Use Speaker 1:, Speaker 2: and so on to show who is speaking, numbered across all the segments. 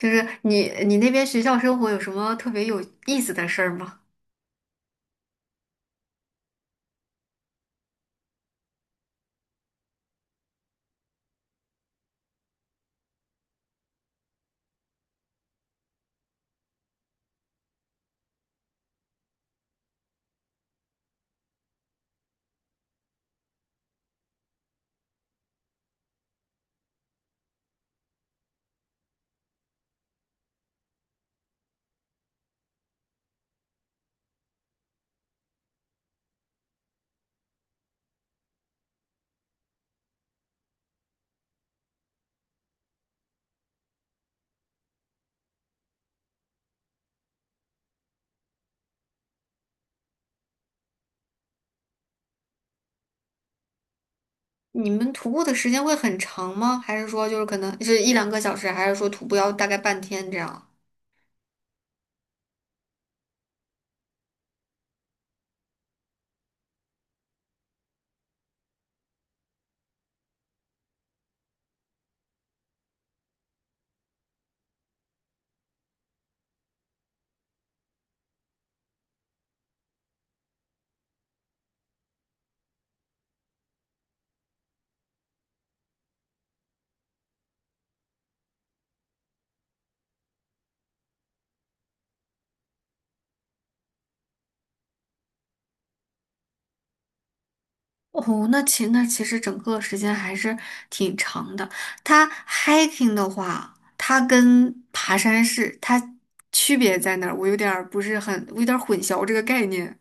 Speaker 1: 就是你那边学校生活有什么特别有意思的事儿吗？你们徒步的时间会很长吗？还是说就是可能是一两个小时，还是说徒步要大概半天这样？哦，那其实整个时间还是挺长的。它 hiking 的话，它跟爬山是它区别在哪儿？我有点儿不是很，我有点儿混淆这个概念。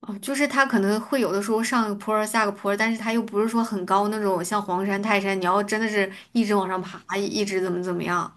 Speaker 1: 哦，就是它可能会有的时候上个坡儿下个坡儿，但是它又不是说很高那种，像黄山、泰山，你要真的是一直往上爬，一直怎么怎么样。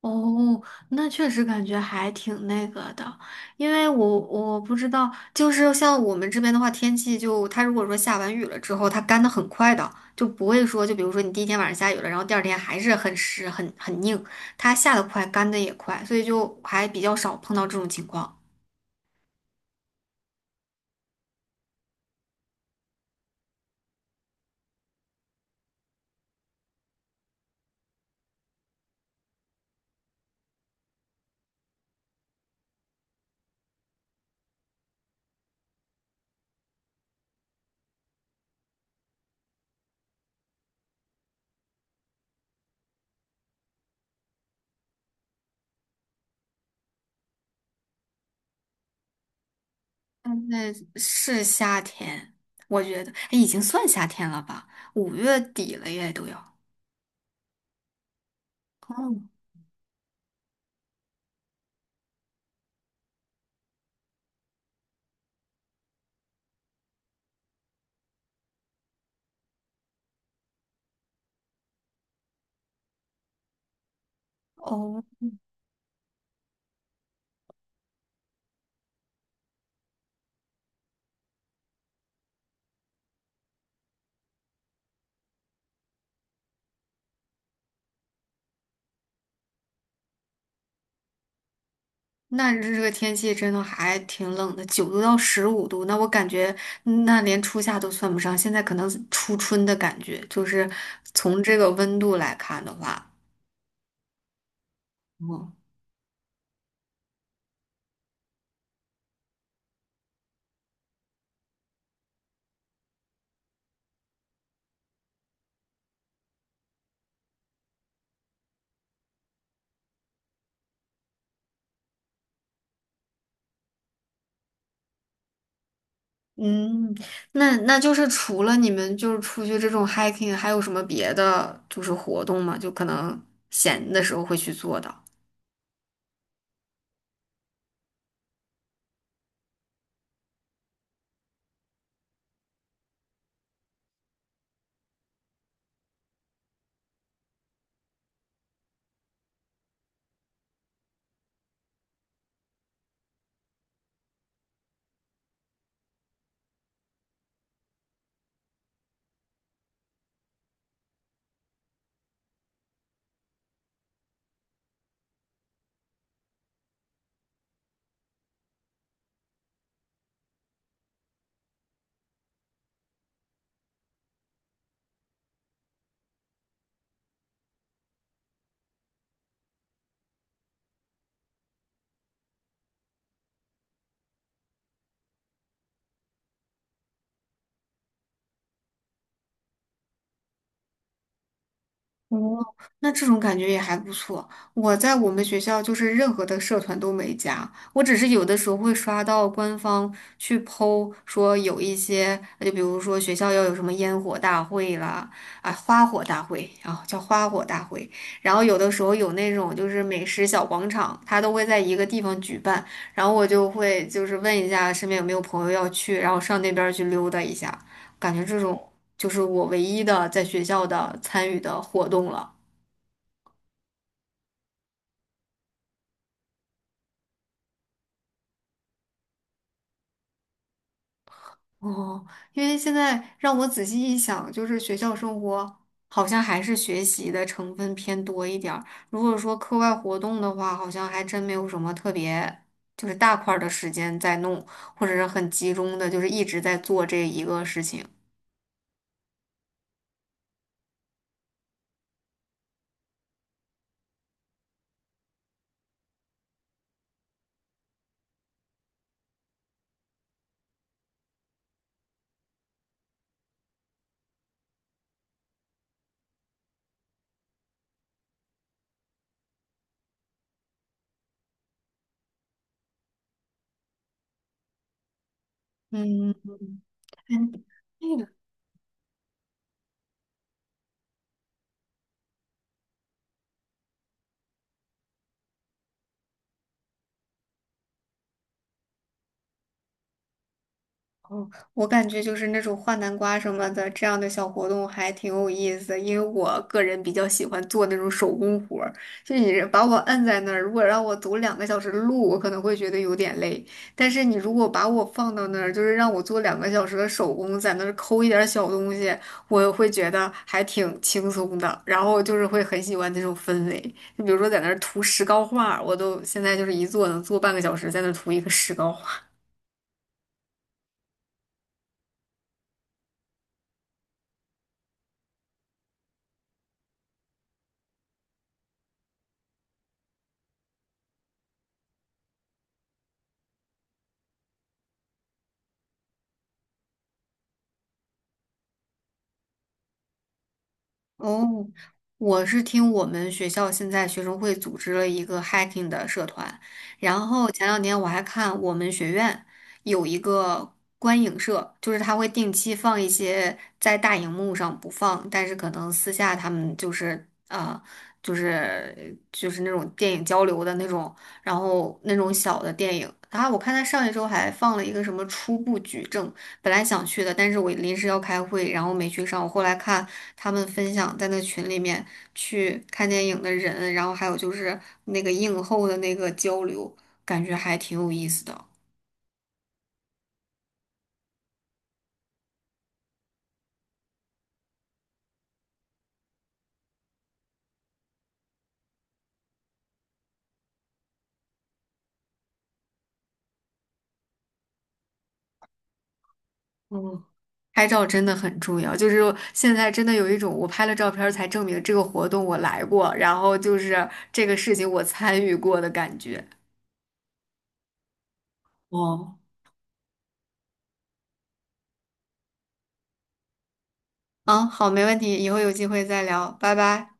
Speaker 1: 哦，那确实感觉还挺那个的，因为我不知道，就是像我们这边的话，天气就它如果说下完雨了之后，它干的很快的，就不会说，就比如说你第一天晚上下雨了，然后第二天还是很湿很硬，它下的快，干的也快，所以就还比较少碰到这种情况。现在是夏天，我觉得，哎已经算夏天了吧？五月底了耶，都要。哦，那这个天气真的还挺冷的，九度到十五度，那我感觉那连初夏都算不上，现在可能是初春的感觉，就是从这个温度来看的话。哦，嗯，那就是除了你们就是出去这种 hiking，还有什么别的就是活动吗？就可能闲的时候会去做的。哦，那这种感觉也还不错。我在我们学校就是任何的社团都没加，我只是有的时候会刷到官方去 po 说有一些，就比如说学校要有什么烟火大会啦，啊，花火大会啊，叫花火大会。然后有的时候有那种就是美食小广场，它都会在一个地方举办，然后我就会就是问一下身边有没有朋友要去，然后上那边儿去溜达一下，感觉这种。就是我唯一的在学校的参与的活动了。哦，因为现在让我仔细一想，就是学校生活好像还是学习的成分偏多一点儿。如果说课外活动的话，好像还真没有什么特别，就是大块儿的时间在弄，或者是很集中的，就是一直在做这一个事情。嗯。嗯。哎，我感觉就是那种画南瓜什么的这样的小活动还挺有意思的，因为我个人比较喜欢做那种手工活儿。就你把我摁在那儿，如果让我走两个小时的路，我可能会觉得有点累。但是你如果把我放到那儿，就是让我做两个小时的手工，在那儿抠一点儿小东西，我会觉得还挺轻松的。然后就是会很喜欢那种氛围。就比如说在那儿涂石膏画儿我都现在就是一坐能坐半个小时，在那儿涂一个石膏画。哦，我是听我们学校现在学生会组织了一个 hiking 的社团，然后前两年我还看我们学院有一个观影社，就是他会定期放一些在大荧幕上不放，但是可能私下他们就是啊、就是那种电影交流的那种，然后那种小的电影，然后我看他上一周还放了一个什么初步举证。本来想去的，但是我临时要开会，然后没去上。我后来看他们分享在那群里面去看电影的人，然后还有就是那个映后的那个交流，感觉还挺有意思的。嗯，拍照真的很重要，就是现在真的有一种我拍了照片儿才证明这个活动我来过，然后就是这个事情我参与过的感觉。哦，嗯，好，没问题，以后有机会再聊，拜拜。